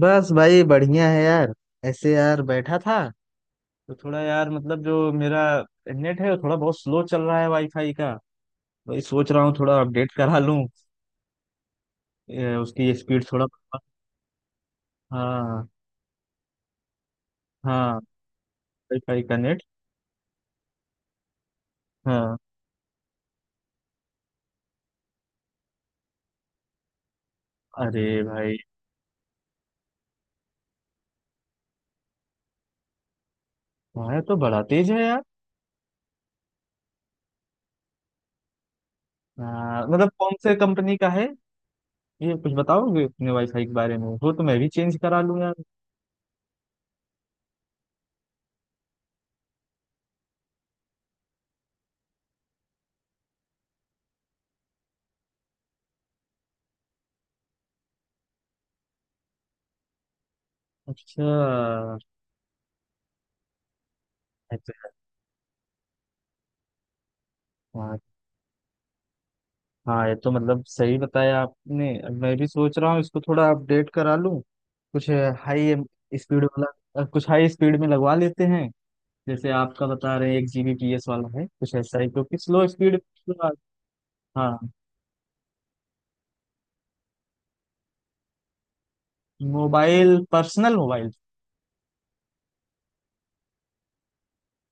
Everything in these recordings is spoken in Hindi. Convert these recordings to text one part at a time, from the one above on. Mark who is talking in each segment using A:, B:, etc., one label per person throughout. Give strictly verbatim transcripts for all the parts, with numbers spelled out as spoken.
A: बस भाई बढ़िया है यार। ऐसे यार बैठा था तो थोड़ा यार मतलब जो मेरा नेट है वो थोड़ा बहुत स्लो चल रहा है वाईफाई का। भाई सोच रहा हूँ थोड़ा अपडेट करा लूँ। ए, उसकी स्पीड थोड़ा। हाँ। हाँ, वाईफाई का नेट। हाँ। अरे भाई, तुम्हारा तो बड़ा तेज है यार। हाँ, मतलब कौन से कंपनी का है ये? कुछ बताओगे अपने वाईफाई के बारे में, वो तो मैं भी चेंज करा लूँ यार। अच्छा। हाँ, ये तो मतलब सही बताया आपने, अब मैं भी सोच रहा हूँ इसको थोड़ा अपडेट करा लूँ। कुछ हाई स्पीड वाला। अ, कुछ हाई स्पीड में लगवा लेते हैं, जैसे आपका बता रहे हैं एक जी बी पी एस वाला है, कुछ ऐसा ही क्योंकि स्लो स्पीड। हाँ। Mobile? Personal mobile?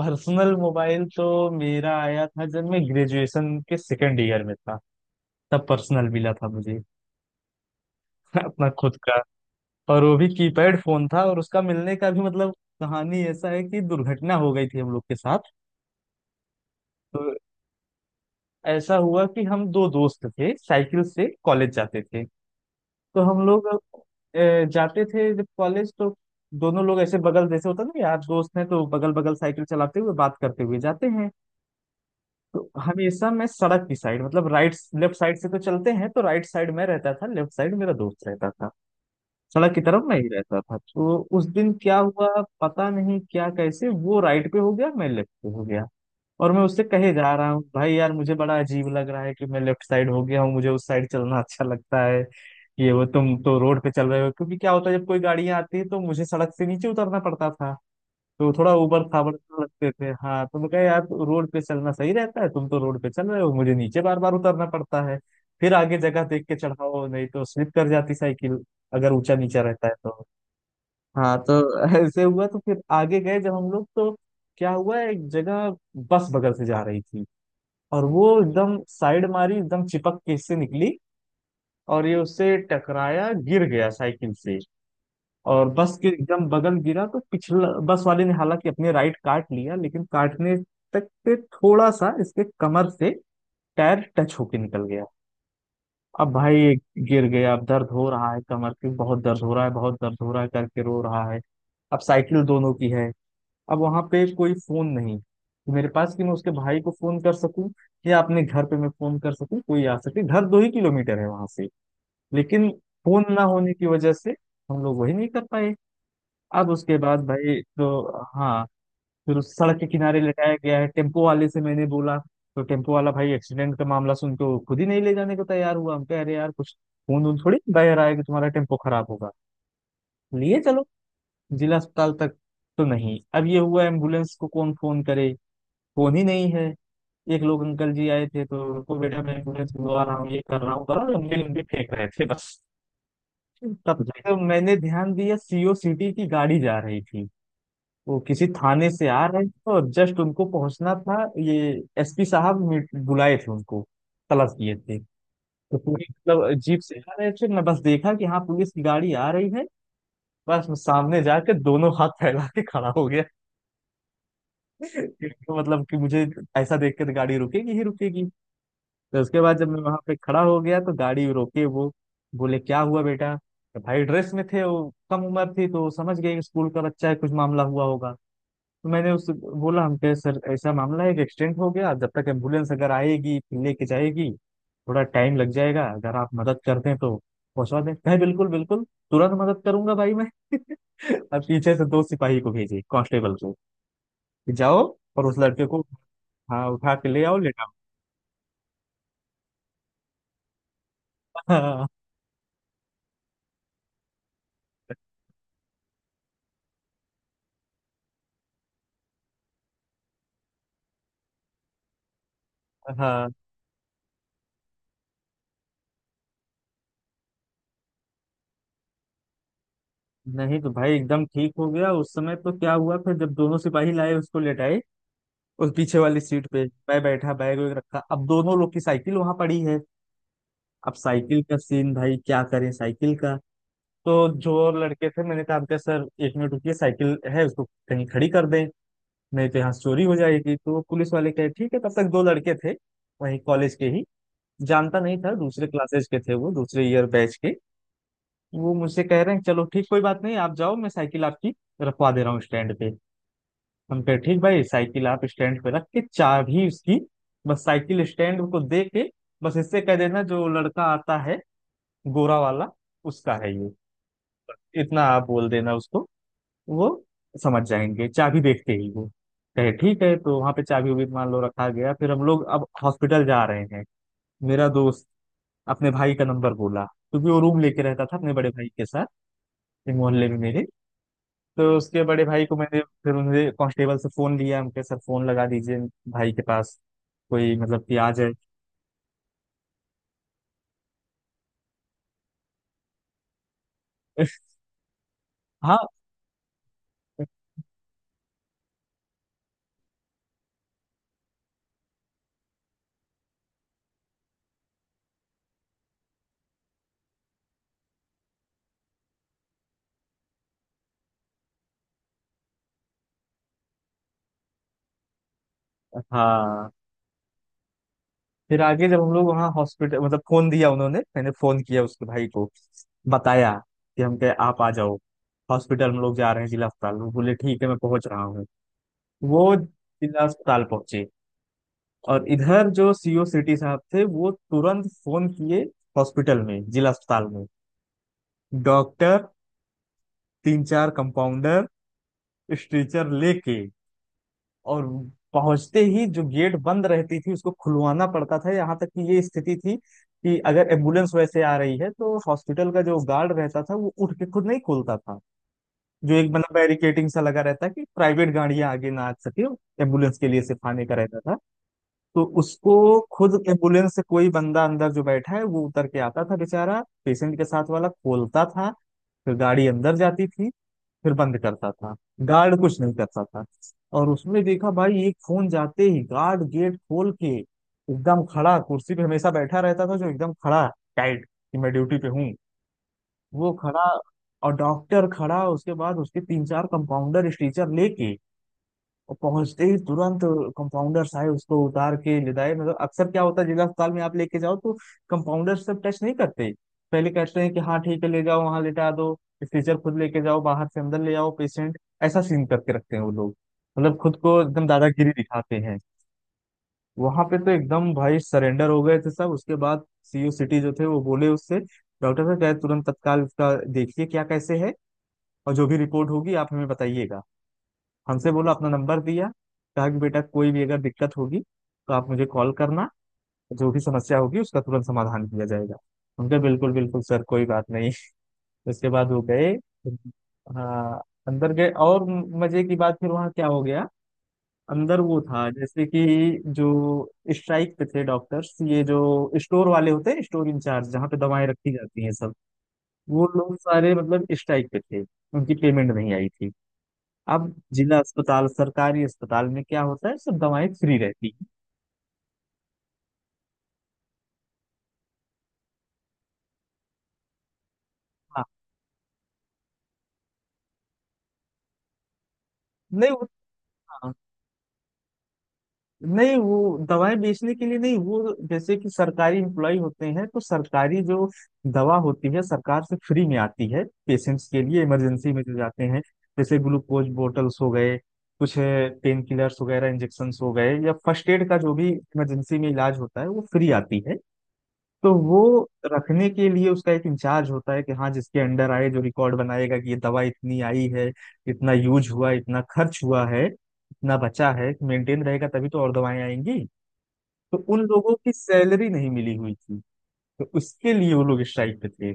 A: Personal mobile तो मेरा आया था जब मैं ग्रेजुएशन के सेकंड ईयर में था। तब पर्सनल मिला था मुझे। अपना खुद का। और वो भी कीपैड फोन था। और उसका मिलने का भी मतलब, कहानी ऐसा है कि दुर्घटना हो गई थी हम लोग के साथ। तो ऐसा हुआ कि हम दो दोस्त थे, साइकिल से कॉलेज जाते थे। तो हम लोग अ, जाते थे जब कॉलेज, तो दोनों लोग ऐसे बगल, जैसे होता ना यार, दोस्त हैं तो बगल बगल साइकिल चलाते हुए बात करते हुए जाते हैं। तो हमेशा मैं सड़क की साइड, मतलब राइट लेफ्ट साइड से तो चलते हैं, तो राइट साइड मैं रहता था, लेफ्ट साइड मेरा दोस्त रहता था। सड़क की तरफ मैं ही रहता था। तो उस दिन क्या हुआ पता नहीं, क्या कैसे वो राइट पे हो गया, मैं लेफ्ट पे हो गया। और मैं उससे कहे जा रहा हूँ, भाई यार मुझे बड़ा अजीब लग रहा है कि मैं लेफ्ट साइड हो गया हूँ, मुझे उस साइड चलना अच्छा लगता है। ये वो तुम तो रोड पे चल रहे हो, क्योंकि क्या होता है जब कोई गाड़ियां आती है तो मुझे सड़क से नीचे उतरना पड़ता था। तो थोड़ा ऊबड़ खाबड़ से लगते थे। हाँ, तो मैं कहा यार तो रोड पे चलना सही रहता है, तुम तो रोड पे चल रहे हो, मुझे नीचे बार बार उतरना पड़ता है। फिर आगे जगह देख के चढ़ाओ, नहीं तो स्लिप कर जाती साइकिल अगर ऊंचा नीचा रहता है तो। हाँ तो ऐसे हुआ। तो फिर आगे गए जब हम लोग तो क्या हुआ, एक जगह बस बगल से जा रही थी, और वो एकदम साइड मारी, एकदम चिपक के इससे निकली, और ये उससे टकराया, गिर गया साइकिल से। और बस के एकदम बगल गिरा तो पिछला बस वाले ने हालांकि अपने राइट काट लिया, लेकिन काटने तक पे थोड़ा सा इसके कमर से टायर टच होके निकल गया। अब भाई, गिर गया, अब दर्द हो रहा है, कमर के बहुत दर्द हो रहा है, बहुत दर्द हो रहा है करके रो रहा है। अब साइकिल दोनों की है। अब वहां पे कोई फोन नहीं मेरे पास कि मैं उसके भाई को फोन कर सकूं या अपने घर पे मैं फोन कर सकूं कोई आ सके। घर दो ही किलोमीटर है वहां से। लेकिन फोन ना होने की वजह से हम लोग वही नहीं कर पाए। अब उसके बाद भाई तो हाँ, फिर उस सड़क के किनारे लेटाया गया है, टेम्पो वाले से मैंने बोला। तो टेम्पो वाला भाई एक्सीडेंट का मामला सुन के वो खुद ही नहीं ले जाने को तैयार हुआ। हम कह रहे यार कुछ खून वून थोड़ी बह रहा है कि तुम्हारा टेम्पो खराब होगा, लिए चलो जिला अस्पताल तक। तो नहीं। अब ये हुआ एम्बुलेंस को कौन फोन करे, फोन ही नहीं है। एक लोग अंकल जी आए थे तो उनको बेटा मैं एम्बुलेंस बुलवा रहा हूँ ये कर रहा हूँ कर रहा हूँ, लंबी लंबी फेंक रहे थे बस। तब जाके मैंने ध्यान दिया, सी ओ सिटी की गाड़ी जा रही थी। वो किसी थाने से आ रहे थे और जस्ट उनको पहुंचना था ये एस पी साहब मीट- बुलाए थे उनको, तलब किए थे। तो पूरी मतलब जीप से आ रहे थे, मैं बस देखा कि हाँ पुलिस की गाड़ी आ रही है। बस मैं सामने जाकर दोनों हाथ फैला के खड़ा हो गया। तो मतलब कि मुझे ऐसा देख के तो गाड़ी रुकेगी ही रुकेगी। तो उसके बाद जब मैं वहां पे खड़ा हो गया तो गाड़ी रोके वो, बोले क्या हुआ बेटा। तो भाई ड्रेस में थे, वो कम उम्र थी तो समझ गए कि स्कूल का बच्चा है, कुछ मामला हुआ होगा। तो मैंने उससे बोला, हम कहे सर ऐसा मामला है कि एक्सीडेंट हो गया, जब तक एम्बुलेंस अगर आएगी फिर लेके जाएगी थोड़ा टाइम लग जाएगा, अगर आप मदद कर दें तो पहुंचवा दें। कहे बिल्कुल बिल्कुल, तुरंत मदद करूंगा भाई मैं। अब पीछे से दो सिपाही को भेजे, कांस्टेबल को, कि जाओ और उस लड़के को हाँ उठा के ले आओ, लेटाओ। हाँ। हाँ, नहीं तो भाई एकदम ठीक हो गया उस समय। तो क्या हुआ फिर, जब दोनों सिपाही लाए उसको लेटाए, उस पीछे वाली सीट पे मैं बैठा, बैग वैग रखा, अब दोनों लोग की साइकिल वहां पड़ी है। अब साइकिल का सीन भाई क्या करें साइकिल का। तो जो लड़के थे, मैंने कहा अंकल सर एक मिनट रुकिए, साइकिल है उसको कहीं खड़ी कर दें, नहीं तो यहाँ से चोरी हो जाएगी। तो पुलिस वाले कहे ठीक है। तब तक दो लड़के थे वहीं कॉलेज के ही, जानता नहीं था, दूसरे क्लासेज के थे वो, दूसरे ईयर बैच के। वो मुझसे कह रहे हैं चलो ठीक, कोई बात नहीं, आप जाओ, मैं साइकिल आपकी रखवा दे रहा हूँ स्टैंड पे। हम कहे ठीक भाई, साइकिल आप स्टैंड पे रख के चाबी उसकी, बस साइकिल स्टैंड को दे के, बस इससे कह देना जो लड़का आता है गोरा वाला उसका है ये, इतना आप बोल देना उसको, वो समझ जाएंगे चाबी देखते ही वो। कहे ठीक है। तो वहां पे चाबी उबी मान लो रखा गया। फिर हम लोग अब हॉस्पिटल जा रहे हैं, मेरा दोस्त अपने भाई का नंबर बोला क्योंकि वो रूम लेके रहता था अपने बड़े भाई के साथ एक मोहल्ले में मेरे। तो उसके बड़े भाई को मैंने फिर उन्हें कांस्टेबल से फोन लिया, हम कहे सर फोन लगा दीजिए भाई के पास, कोई मतलब कि आ जाए। हाँ। हाँ, फिर आगे जब हम लोग वहाँ हॉस्पिटल मतलब फोन दिया उन्होंने, मैंने फोन किया उसके भाई को, बताया कि हम कहे आप आ जाओ हॉस्पिटल, हम लोग जा रहे हैं जिला अस्पताल। वो बोले ठीक है मैं पहुंच रहा हूँ। वो जिला अस्पताल पहुंचे। और इधर जो सी ओ सिटी साहब थे वो तुरंत फोन किए हॉस्पिटल में, जिला अस्पताल में। डॉक्टर, तीन चार कंपाउंडर स्ट्रेचर लेके। और पहुंचते ही जो गेट बंद रहती थी उसको खुलवाना पड़ता था। यहाँ तक कि ये स्थिति थी कि अगर एम्बुलेंस वैसे आ रही है तो हॉस्पिटल का जो गार्ड रहता था वो उठ के खुद नहीं खोलता था। जो एक मतलब बैरिकेटिंग सा लगा रहता कि प्राइवेट गाड़ियां आगे ना आ सके, एम्बुलेंस के लिए सिर्फ आने का रहता था। तो उसको खुद एम्बुलेंस से कोई बंदा अंदर जो बैठा है वो उतर के आता था बेचारा, पेशेंट के साथ वाला खोलता था, फिर गाड़ी अंदर जाती थी, फिर बंद करता था, गार्ड कुछ नहीं करता था। और उसमें देखा भाई एक फोन जाते ही गार्ड गेट खोल के एकदम खड़ा, कुर्सी पे हमेशा बैठा रहता था जो, एकदम खड़ा टाइट कि मैं ड्यूटी पे हूँ। वो खड़ा और डॉक्टर खड़ा, उसके बाद उसके तीन चार कंपाउंडर स्ट्रेचर लेके, और पहुंचते ही तुरंत कंपाउंडर्स आए, उसको उतार के ले आए। मतलब अक्सर क्या होता है जिला अस्पताल में आप लेके जाओ तो कंपाउंडर सब टच नहीं करते, पहले कहते हैं कि हाँ ठीक है ले जाओ वहां लेटा दो, स्ट्रेचर खुद लेके जाओ बाहर से, अंदर ले आओ पेशेंट। ऐसा सीन करके रखते हैं वो लोग, मतलब खुद को एकदम दादागिरी दिखाते हैं। वहां पे तो एकदम भाई सरेंडर हो गए थे सब। उसके बाद सी ई ओ सिटी जो थे वो बोले उससे, डॉक्टर साहब क्या है, तुरंत तत्काल इसका देखिए क्या कैसे है, और जो भी रिपोर्ट होगी आप हमें बताइएगा। हमसे बोला अपना नंबर दिया, कहा कि बेटा कोई भी अगर दिक्कत होगी तो आप मुझे कॉल करना, जो भी समस्या होगी उसका तुरंत समाधान किया जाएगा। उनका बिल्कुल बिल्कुल सर कोई बात नहीं। उसके बाद वो गए। हाँ, अंदर गए। और मजे की बात फिर वहाँ क्या हो गया, अंदर वो था जैसे कि जो स्ट्राइक पे थे डॉक्टर्स, ये जो स्टोर वाले होते हैं स्टोर इंचार्ज, जहाँ पे दवाएं रखी जाती हैं सब, वो लोग सारे मतलब स्ट्राइक पे थे, उनकी पेमेंट नहीं आई थी। अब जिला अस्पताल सरकारी अस्पताल में क्या होता है सब दवाएं फ्री रहती हैं। हाँ, नहीं होता। नहीं, वो दवाएं बेचने के लिए नहीं, वो जैसे कि सरकारी एम्प्लॉय होते हैं तो सरकारी जो दवा होती है सरकार से फ्री में आती है पेशेंट्स के लिए इमरजेंसी में जो जाते हैं, जैसे ग्लूकोज बोटल्स हो गए, कुछ पेन किलर्स वगैरह इंजेक्शन हो गए या फर्स्ट एड का जो भी इमरजेंसी में इलाज होता है वो फ्री आती है। तो वो रखने के लिए उसका एक इंचार्ज होता है कि हाँ जिसके अंडर आए जो रिकॉर्ड बनाएगा कि ये दवा इतनी आई है, इतना यूज हुआ, इतना खर्च हुआ है, इतना बचा है मेंटेन रहेगा तभी तो और दवाएं आएंगी। तो उन लोगों की सैलरी नहीं मिली हुई थी तो उसके लिए वो लोग स्ट्राइक पे थे।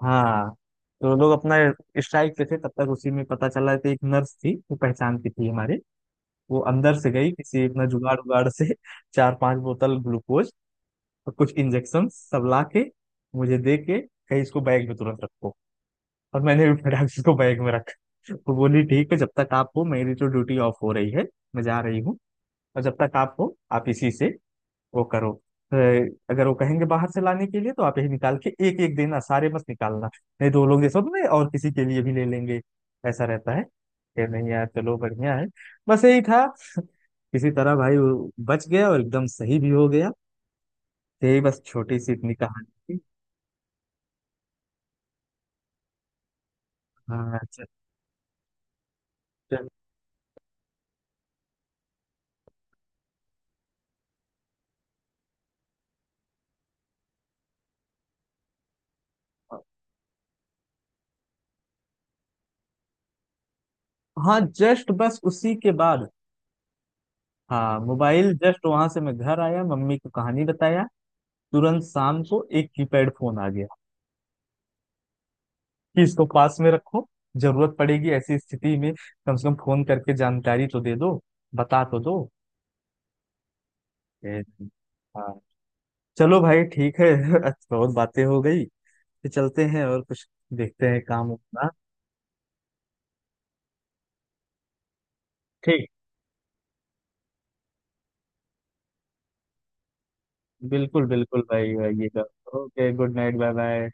A: हाँ, तो लोग अपना स्ट्राइक पे थे। तब तक उसी में पता चला कि एक नर्स थी वो पहचान की थी हमारे, वो अंदर से गई किसी अपना जुगाड़ उगाड़ से चार पांच बोतल ग्लूकोज और कुछ इंजेक्शन सब ला के मुझे दे के कहीं, इसको बैग में तुरंत रखो। और मैंने भी फटाक से इसको बैग में रखा। तो वो बोली ठीक है, जब तक आप हो मेरी तो ड्यूटी ऑफ हो रही है, मैं जा रही हूँ, और जब तक आप हो आप इसी से वो करो। अ, अगर वो कहेंगे बाहर से लाने के लिए तो आप यही निकाल के एक एक देना, सारे मत निकालना, नहीं दो लोग जैसे होते हैं ना, और किसी के लिए भी ले लेंगे, ऐसा रहता है कि नहीं यार चलो बढ़िया है। बस यही था। किसी तरह भाई वो बच गया और एकदम सही भी हो गया। यही बस छोटी सी इतनी कहानी थी। हाँ जस्ट। हाँ जस्ट बस उसी के बाद। हाँ, मोबाइल जस्ट वहां से मैं घर आया, मम्मी को कहानी बताया, तुरंत शाम को एक कीपैड फोन आ गया कि इसको पास में रखो, जरूरत पड़ेगी ऐसी स्थिति में, कम से कम फोन करके जानकारी तो दे दो, बता तो दो। ए, हाँ, चलो भाई ठीक है। अच्छा, बहुत बातें हो गई, फिर चलते हैं और कुछ देखते हैं काम अपना। ठीक, बिल्कुल बिल्कुल भाई आइएगा। Okay good night bye bye.